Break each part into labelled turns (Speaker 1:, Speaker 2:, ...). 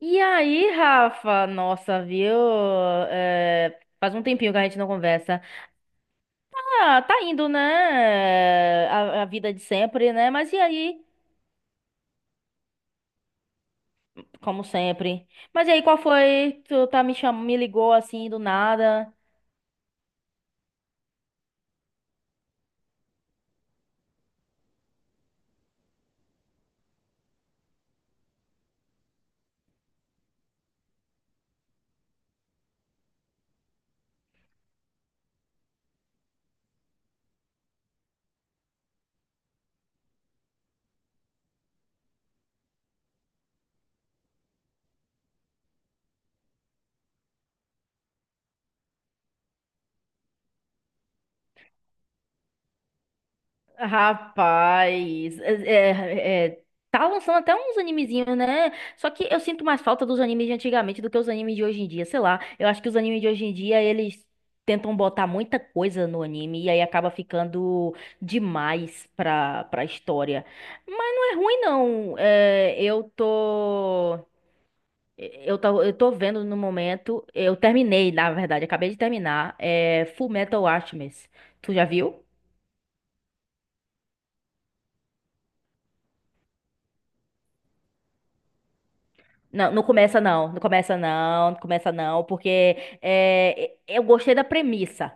Speaker 1: E aí, Rafa? Nossa, viu? É, faz um tempinho que a gente não conversa. Ah, tá indo, né? A vida de sempre, né? Mas e aí? Como sempre. Mas e aí, qual foi? Tu tá me chamando, me ligou assim do nada. Rapaz, é, é, tá lançando até uns animezinhos, né? Só que eu sinto mais falta dos animes de antigamente do que os animes de hoje em dia, sei lá. Eu acho que os animes de hoje em dia, eles tentam botar muita coisa no anime e aí acaba ficando demais pra história. Mas não é ruim, não. Eu tô vendo no momento. Eu terminei, na verdade, acabei de terminar, é Fullmetal Alchemist. Tu já viu? Não, não começa não, não começa não, não começa não, porque é, eu gostei da premissa.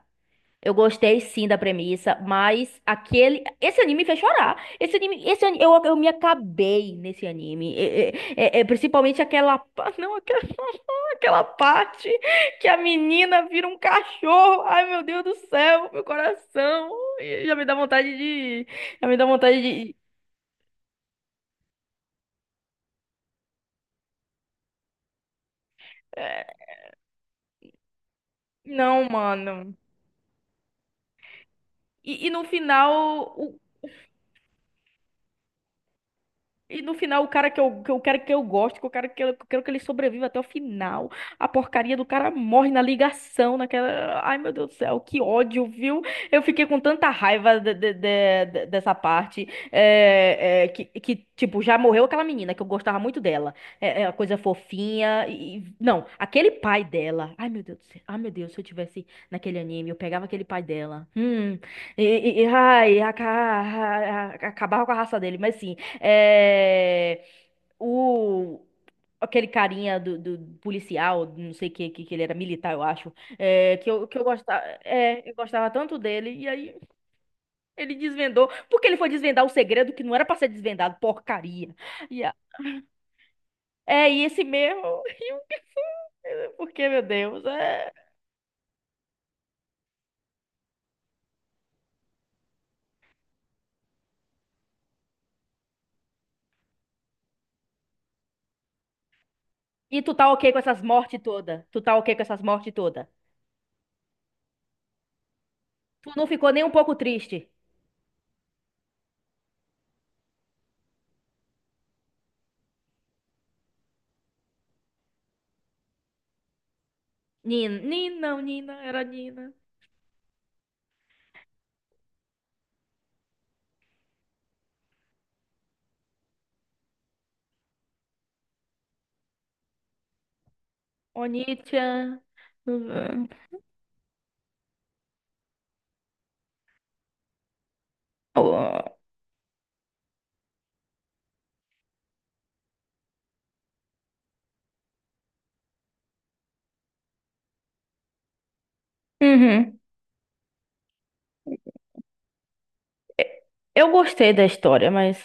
Speaker 1: Eu gostei sim da premissa, mas esse anime me fez chorar. Esse anime, eu me acabei nesse anime. Principalmente aquela, não, aquela, aquela parte que a menina vira um cachorro. Ai, meu Deus do céu, meu coração. E já me dá vontade de, já me dá vontade de, eh, não, mano. E, e no final, o, E no final, o cara que eu quero que eu goste, que eu quero que, que eu quero que ele sobreviva até o final, a porcaria do cara morre na ligação, naquela. Ai, meu Deus do céu, que ódio, viu? Eu fiquei com tanta raiva dessa parte, que, tipo, já morreu aquela menina, que eu gostava muito dela. É, é a coisa fofinha. Não, aquele pai dela. Ai, meu Deus do céu. Ai, meu Deus, se eu tivesse naquele anime, eu pegava aquele pai dela. Ai, acabava com a raça dele, mas sim. É, o, Aquele carinha do policial, não sei que ele era militar, eu acho, que eu gostava, eu gostava tanto dele, e aí ele desvendou, porque ele foi desvendar o segredo que não era pra ser desvendado, porcaria. E, a- Esse mesmo, e o que foi? Porque, meu Deus. E tu tá ok com essas mortes todas? Tu tá ok com essas mortes todas? Tu não ficou nem um pouco triste? Nina, Nina, não, Nina, era Nina. Onichan. Ó, uhum. Eu gostei da história, mas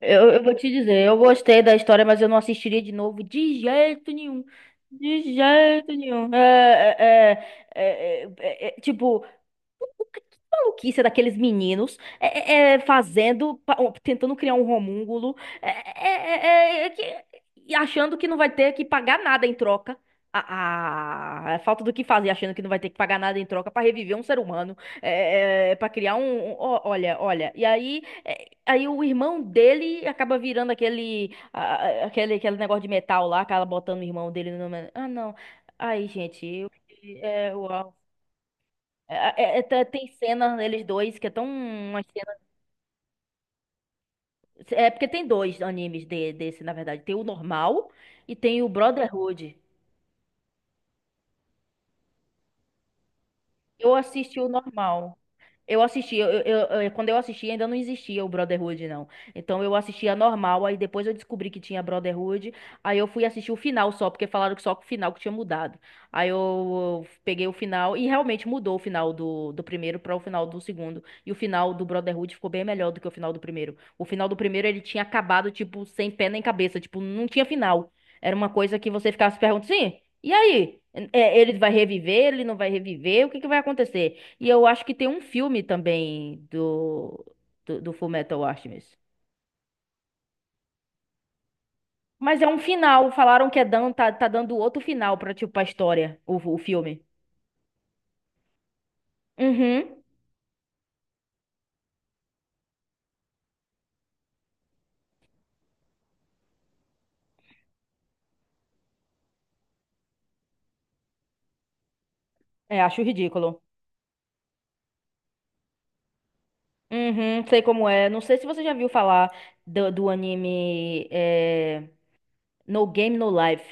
Speaker 1: eu vou te dizer, eu gostei da história, mas eu não assistiria de novo de jeito nenhum. De jeito nenhum. Tipo, que maluquice é daqueles meninos fazendo, ó, tentando criar um homúnculo, é, é, é, é, é, que- e achando que não vai ter que pagar nada em troca. A, a falta do que fazer, achando que não vai ter que pagar nada em troca pra reviver um ser humano, é, para criar um, ó, olha, olha. E aí, o irmão dele acaba virando aquele, a- aquele, aquele negócio de metal lá, acaba botando o irmão dele no. Ah, não. Aí, gente, eu, é, é- é- é- tá, tem cena neles dois que é tão uma cena. É porque tem dois animes desse, na verdade. Tem o normal e tem o Brotherhood. Eu assisti o normal. Eu assisti, quando eu assisti ainda não existia o Brotherhood, não. Então eu assistia normal, aí depois eu descobri que tinha Brotherhood, aí eu fui assistir o final só, porque falaram que só o final que tinha mudado. Aí eu peguei o final e realmente mudou o final do primeiro para o final do segundo. E o final do Brotherhood ficou bem melhor do que o final do primeiro. O final do primeiro ele tinha acabado, tipo, sem pé nem cabeça, tipo, não tinha final. Era uma coisa que você ficava se perguntando, sim, e aí? É, ele vai reviver, ele não vai reviver, o que que vai acontecer? E eu acho que tem um filme também do Fullmetal Alchemist. Mas é um final. Falaram que é dando, tá dando outro final pra, tipo, a história, o filme. Uhum. É, acho ridículo. Uhum, sei como é. Não sei se você já viu falar do anime, No Game, No Life.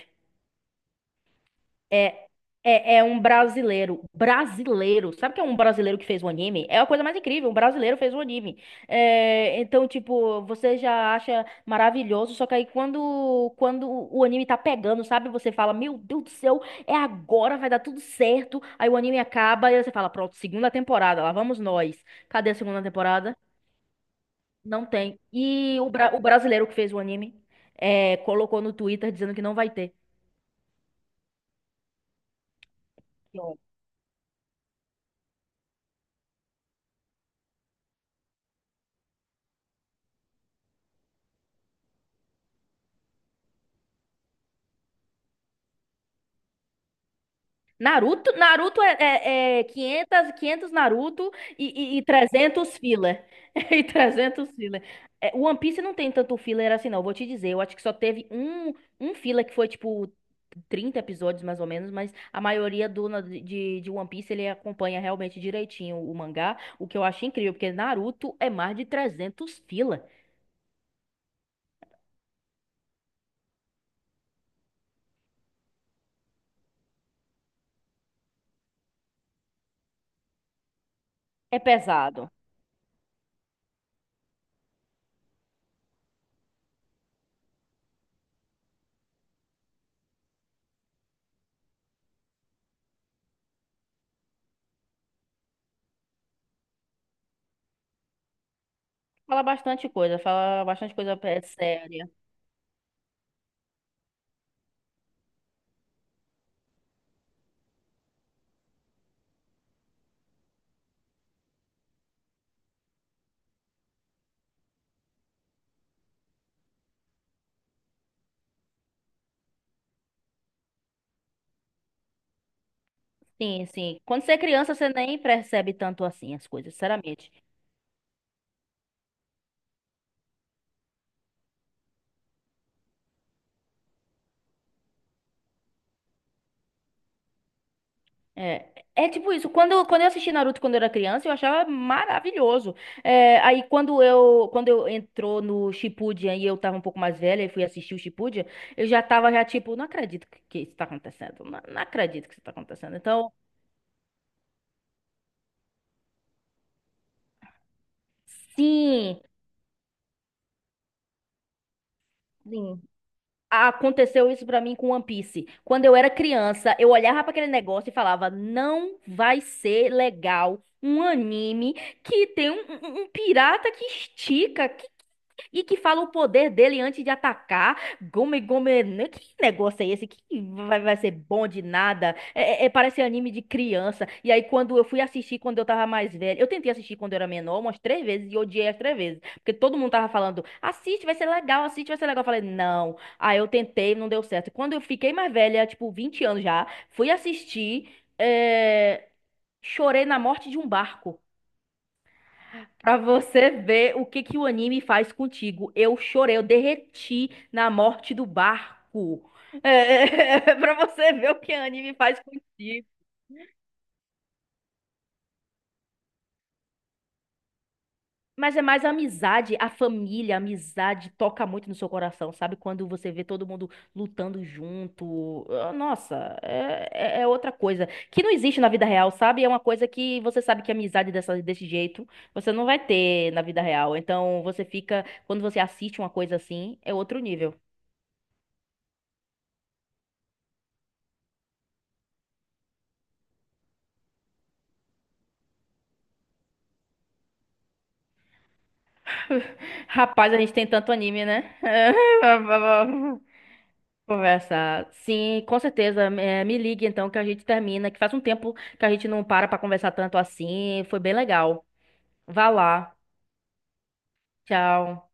Speaker 1: É, É um brasileiro. Brasileiro. Sabe o que é um brasileiro que fez o anime? É a coisa mais incrível. Um brasileiro fez o anime. É, então, tipo, você já acha maravilhoso. Só que aí quando o anime tá pegando, sabe? Você fala, meu Deus do céu, é agora, vai dar tudo certo. Aí o anime acaba e aí você fala, pronto, segunda temporada, lá vamos nós. Cadê a segunda temporada? Não tem. E o brasileiro que fez o anime, colocou no Twitter dizendo que não vai ter. Naruto? Naruto 500, 500 Naruto e 300 filler. E 300 filler. É, One Piece não tem tanto filler assim, não. Vou te dizer, eu acho que só teve um filler que foi, tipo, 30 episódios, mais ou menos, mas a maioria de One Piece, ele acompanha realmente direitinho o mangá, o que eu acho incrível, porque Naruto é mais de 300 filler. É pesado. Fala bastante coisa séria. Sim, sim. Quando você é criança, você nem percebe tanto assim as coisas, sinceramente. É, é tipo isso. Quando eu assisti Naruto quando eu era criança, eu achava maravilhoso. É, aí quando eu entrou no Shippuden e eu tava um pouco mais velha e fui assistir o Shippuden, eu já tava já tipo, não acredito que isso tá acontecendo. Não, não acredito que isso tá acontecendo. Então, sim, sim. Aconteceu isso pra mim com One Piece. Quando eu era criança, eu olhava pra aquele negócio e falava: não vai ser legal um anime que tem um pirata que estica e que fala o poder dele antes de atacar. Gome Gome. Né? Que negócio é esse? Que vai ser bom de nada. Parece anime de criança. E aí, quando eu fui assistir quando eu tava mais velha. Eu tentei assistir quando eu era menor umas três vezes e odiei as três vezes. Porque todo mundo tava falando: assiste, vai ser legal, assiste, vai ser legal. Eu falei: não. Aí eu tentei, não deu certo. Quando eu fiquei mais velha, tipo 20 anos já, fui assistir. é, Chorei na morte de um barco. Pra você ver o que que o anime faz contigo. Eu chorei, eu derreti na morte do barco. É, pra você ver o que o anime faz contigo. Mas é mais a amizade, a família, a amizade toca muito no seu coração, sabe? Quando você vê todo mundo lutando junto. Ah, nossa, é outra coisa. Que não existe na vida real, sabe? É uma coisa que você sabe que amizade dessa, desse jeito você não vai ter na vida real. Então você fica, quando você assiste uma coisa assim, é outro nível. Rapaz, a gente tem tanto anime, né? Conversar. Sim, com certeza. É, me ligue então que a gente termina, que faz um tempo que a gente não para pra conversar tanto assim. Foi bem legal. Vá lá. Tchau.